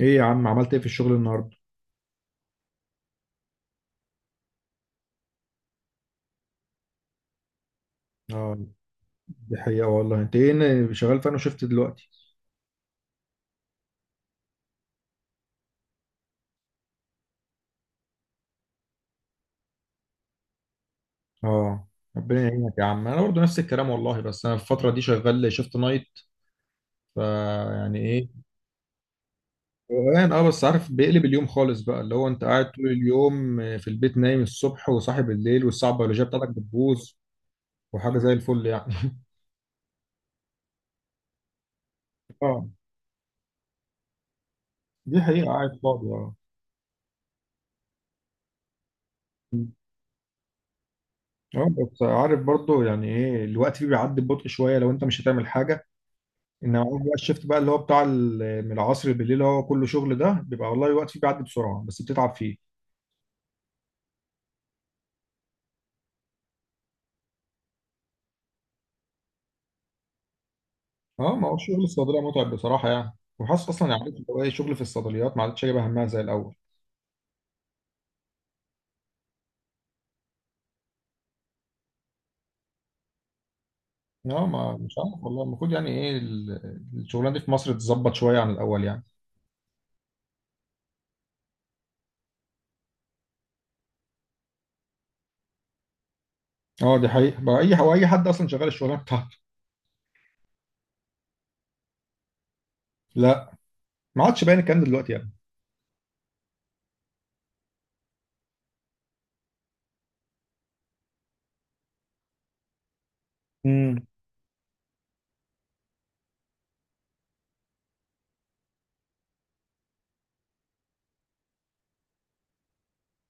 ايه يا عم، عملت ايه في الشغل النهارده؟ اه دي حقيقة والله. انت ايه شغال في؟ انا شفت دلوقتي. اه ربنا يعينك يا عم. انا برضه نفس الكلام والله، بس انا الفترة دي شغال شيفت نايت، فيعني ايه؟ روقان. اه بس عارف، بيقلب اليوم خالص بقى، اللي هو انت قاعد طول اليوم في البيت، نايم الصبح وصاحي بالليل، والساعة البيولوجية بتاعتك بتبوظ. وحاجة زي الفل يعني. اه، دي حقيقة. قاعد فاضي، اه. اه بس عارف برضه، يعني ايه، الوقت فيه بيعدي ببطء شوية لو انت مش هتعمل حاجة. انما هو بقى الشيفت بقى، اللي هو بتاع من العصر بالليل، اللي هو كله شغل، ده بيبقى والله الوقت فيه بيعدي بسرعه، بس بتتعب فيه. اه، ما هو الشغل الصيدليه متعب بصراحه يعني. وحاسس اصلا يعني، عارف اللي هو ايه، شغل في الصيدليات ما عادش جايبه همها زي الاول. اه، ما مش عارف والله، المفروض يعني ايه الشغلانه دي في مصر تتظبط شويه عن الاول يعني. اه دي حقيقه بقى، اي هو اي حد اصلا شغال الشغلانه بتاعته؟ لا، ما عادش باين الكلام ده دلوقتي يعني. امم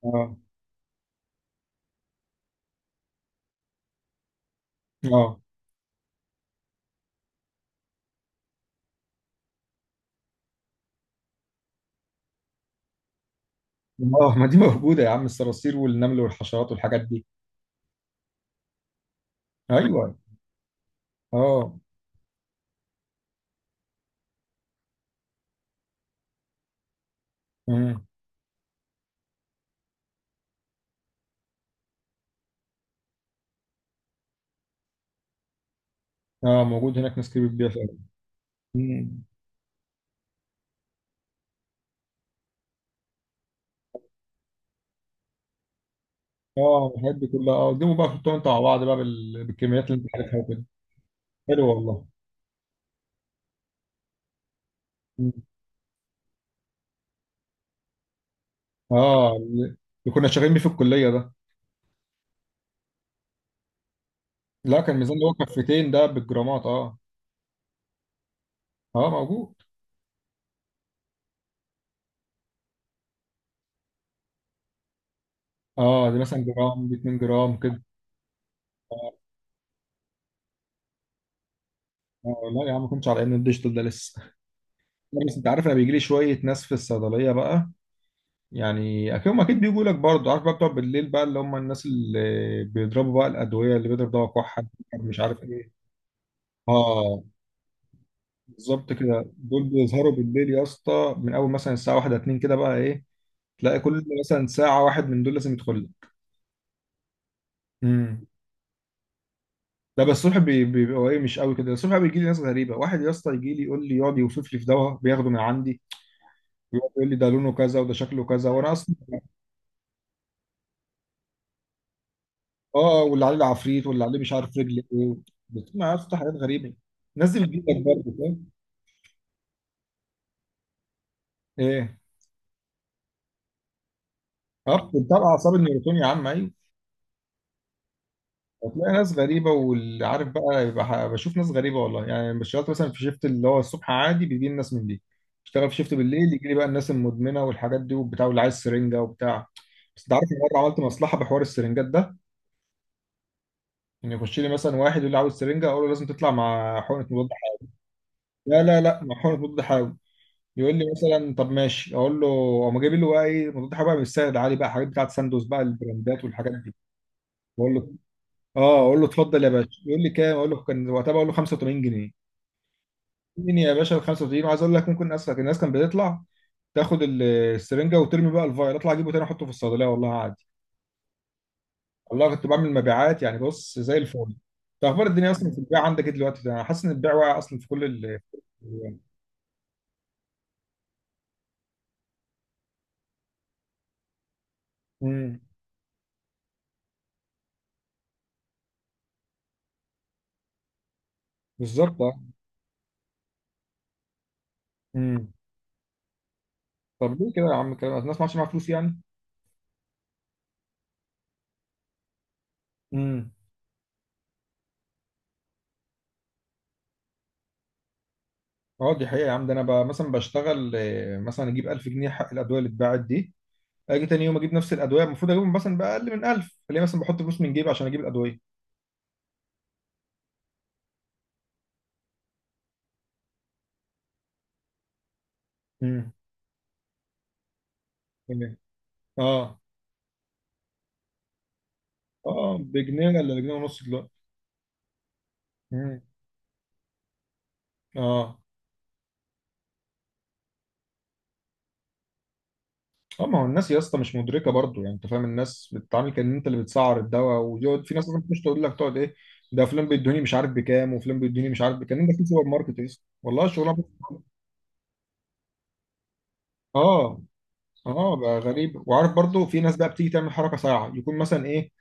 اه. اه. اه، ما دي موجوده يا عم، الصراصير والنمل والحشرات والحاجات دي. ايوه. اه. مم. اه، موجود هناك ناس كتير بتبيع فعلا. مم. اه، الحاجات دي كلها اه، قدموا بقى حطهم انتوا مع بعض بقى بالكميات اللي انت عارفها وكده. حلو والله. مم. اه، اللي كنا شغالين بيه في الكليه ده. لا، كان ميزان اللي هو كفتين ده، بالجرامات اه. اه موجود. اه، دي مثلا جرام، دي 2 جرام كده. اه، لا يا عم، ما كنتش على ان الديجيتال ده لسه. لا، بس انت عارف، انا بيجي لي شويه ناس في الصيدليه بقى، يعني اكيد هم اكيد بيجوا لك برضه، عارف بقى، بتوع بالليل بقى، اللي هم الناس اللي بيضربوا بقى الادويه، اللي بيضرب دواء كحه، مش عارف ايه. اه، بالظبط كده. دول بيظهروا بالليل يا اسطى من اول مثلا الساعه 1 2 كده بقى ايه، تلاقي كل مثلا ساعه واحد من دول لازم يدخل لك. امم لا، بس الصبح بيبقى ايه، مش قوي كده. الصبح بيجي لي ناس غريبه، واحد يا اسطى يجي لي يقول لي، يقعد يوصف لي في دواء بياخده من عندي، ويقعد يقول لي ده لونه كذا، وده شكله كذا، وانا اصلا، اه واللي عليه العفريت، واللي عليه مش عارف رجل ايه. بتسمع يا اسطى حاجات غريبه. الناس دي بتجيب لك برضه، فاهم؟ ايه؟ اه، بتاع اعصاب النيوتون يا عم، ايوه. هتلاقي ناس غريبة، واللي عارف بقى يبقى بشوف ناس غريبة والله يعني. بس اشتغلت مثلا في شيفت اللي هو الصبح عادي، بيجي لي الناس من دي. اشتغل في شيفت بالليل، يجي لي بقى الناس المدمنة والحاجات دي وبتاع، واللي عايز سرنجة وبتاع. بس انت عارف إن مرة عملت مصلحة بحوار السرنجات ده؟ ان يخش لي مثلا واحد يقول لي عاوز سرنجة، اقول له لازم تطلع مع حقنة مضاد حيوي. لا، مع حقنة مضاد حيوي. يقول لي مثلا طب ماشي، اقول له، اقوم جايب له بقى ايه، مضاد حيوي بقى مش سعر عالي بقى، حاجات بتاعت ساندوز بقى، البراندات والحاجات دي. بقول له، اه اقول له اتفضل يا باشا. يقول لي كام؟ اقول له، كان وقتها بقول له 85 جنيه. مين يا باشا، ال 35؟ وعايز اقول لك، ممكن الناس كانت بتطلع تاخد السرنجه وترمي بقى الفايل، اطلع اجيبه تاني احطه في الصيدليه والله عادي. والله كنت بعمل مبيعات يعني، بص زي الفل. طب اخبار الدنيا اصلا في البيع عندك ايه دلوقتي؟ انا حاسس ان البيع واقع اصلا في كل ال. امم بالظبط اه. امم طب ليه كده يا عم؟ كده الناس ما عادش معاها فلوس يعني؟ امم اه دي حقيقه يا عم. ده انا بقى مثلا بشتغل، مثلا اجيب 1000 جنيه حق الادويه اللي اتباعت دي، اجي تاني يوم اجيب نفس الادويه، المفروض اجيبهم مثلا باقل من 1000، ليه مثلا بحط فلوس من جيبي عشان اجيب الادويه؟ امم اه اه. بجنيه ولا بجنيه ونص دلوقتي؟ مم. اه. اه، ما هو الناس يا اسطى مش مدركه برضو يعني، انت فاهم، الناس بتتعامل كان انت اللي بتسعر الدواء، ويقعد في ناس اصلا مش تقول لك، تقعد ايه، ده فلان بيدوني مش عارف بكام، وفلان بيدوني مش عارف بكام. ده في سوبر ماركت يا اسطى والله الشغلانه. اه. اه، بقى غريب. وعارف برضو، في ناس بقى بتيجي تعمل حركه، ساعه يكون مثلا ايه،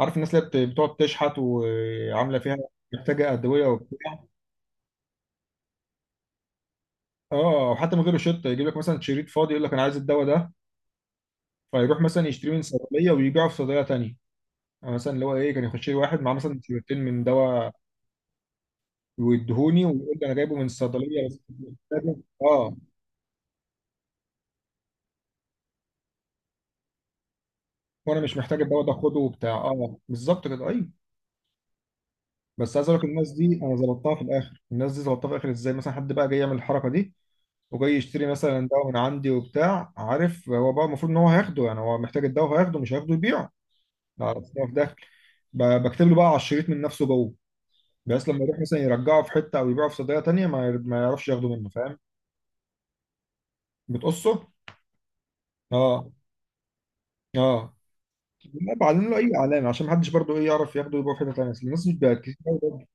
عارف الناس اللي بتقعد تشحت، وعامله فيها محتاجه ادويه وبتاع. اه، وحتى من غير روشته، يجيب لك مثلا شريط فاضي يقول لك انا عايز الدواء ده، فيروح مثلا يشتري من صيدليه ويبيعه في صيدليه تانيه. يعني مثلا اللي هو ايه، كان يخش لي واحد معاه مثلا سيرتين من دواء ويديهوني، ويقول لي انا جايبه من الصيدليه بس مش محتاجه، اه وانا مش محتاج الدواء ده خده وبتاع. اه بالظبط كده، ايوه. بس عايز اقول لك، الناس دي انا ظبطتها في الاخر. الناس دي ظبطتها في الاخر ازاي، مثلا حد بقى جاي يعمل الحركه دي، وجاي يشتري مثلا دواء من عندي وبتاع، عارف هو بقى المفروض ان هو هياخده يعني، هو محتاج الدواء هياخده، مش هياخده يبيعه. لا، أصل هو في داخل، بكتب له بقى على الشريط من نفسه جوه، بس لما يروح مثلا يرجعه في حته، او يبيعه في صيدليه تانيه، ما يعرفش ياخده منه، فاهم؟ بتقصه؟ اه. اه. لا، بعلم له اي علامه عشان محدش برضه ايه، يعرف ياخده يبقى في حته تانيه. أصل الناس مش بقت كتير أوي برضه.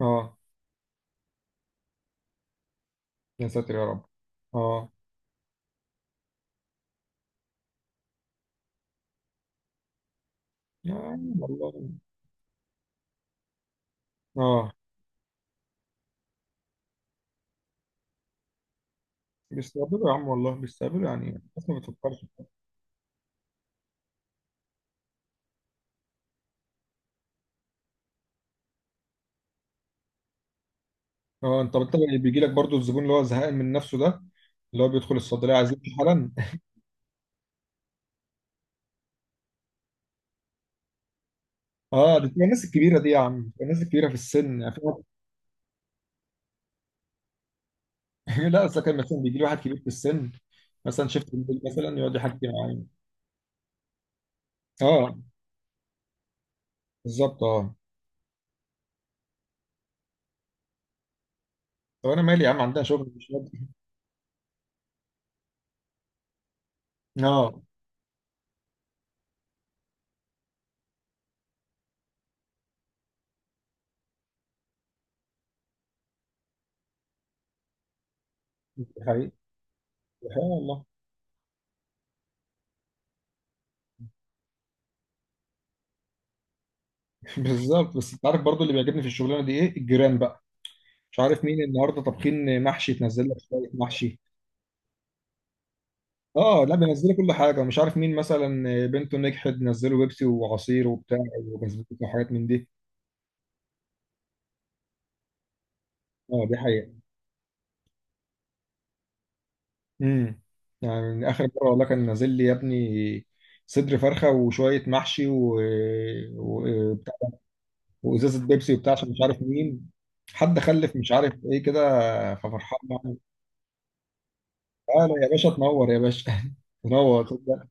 اه. يا ساتر يا رب. اه. يا عم والله. اه. بيستقبلوا يا عم والله، بيستقبلوا يعني، الناس ما بتفكرش. اه، انت انت بيجي لك برضه الزبون اللي هو زهقان من نفسه ده، اللي هو بيدخل الصيدليه عايز يمشي حالا. اه، دي بتبقى الناس الكبيره دي يا عم، بتبقى الناس الكبيره في السن يعني. لا، اصل كان مثلا بيجي لي واحد كبير في السن، مثلا شفت بالليل مثلا يقعد يحكي معايا. اه بالظبط اه. طب انا مالي يا عم، عندها شغل مش فاضي. اه، ده حقيقي، سبحان الله. بالظبط. بس انت عارف برضو، اللي بيعجبني في الشغلانه دي ايه؟ الجيران بقى. مش عارف مين النهارده طابخين محشي، تنزل لك شويه محشي. اه، لا بينزلوا كل حاجه. ومش عارف مين مثلا بنته نجحت، نزلوا بيبسي وعصير وبتاع، وبسبوسه وحاجات من دي. اه دي حقيقه. امم يعني اخر مره والله كان نازل لي يا ابني صدر فرخه وشويه محشي و... و... وازازه بيبسي وبتاع، عشان مش عارف مين حد خلف مش عارف ايه كده، ففرحان يعني. تعالى يا باشا، تنور يا باشا. تنور، تصدق؟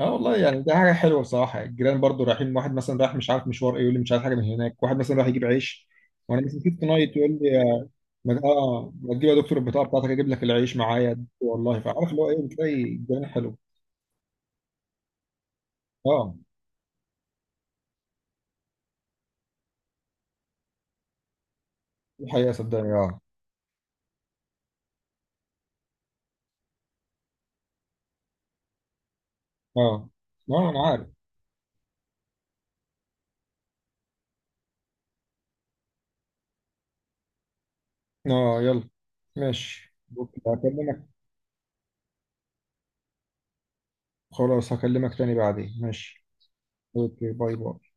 اه والله يعني ده حاجه حلوه بصراحه. الجيران برضو رايحين، واحد مثلا رايح مش عارف مشوار ايه، يقول لي مش عارف حاجه من هناك. واحد مثلا رايح يجيب عيش، وانا مثلا كنت نايت، يقول لي، ما تجيب يا دكتور البطاقه بتاعتك، اجيب لك العيش معايا والله. فعارف اللي هو ايه، بتلاقي الجيران حلو. اه الحقيقة صدقني، اه. اه. اه انا عارف. اه، يلا. ماشي. بكرة هكلمك. خلاص، هكلمك تاني بعدين. ماشي. اوكي، باي باي.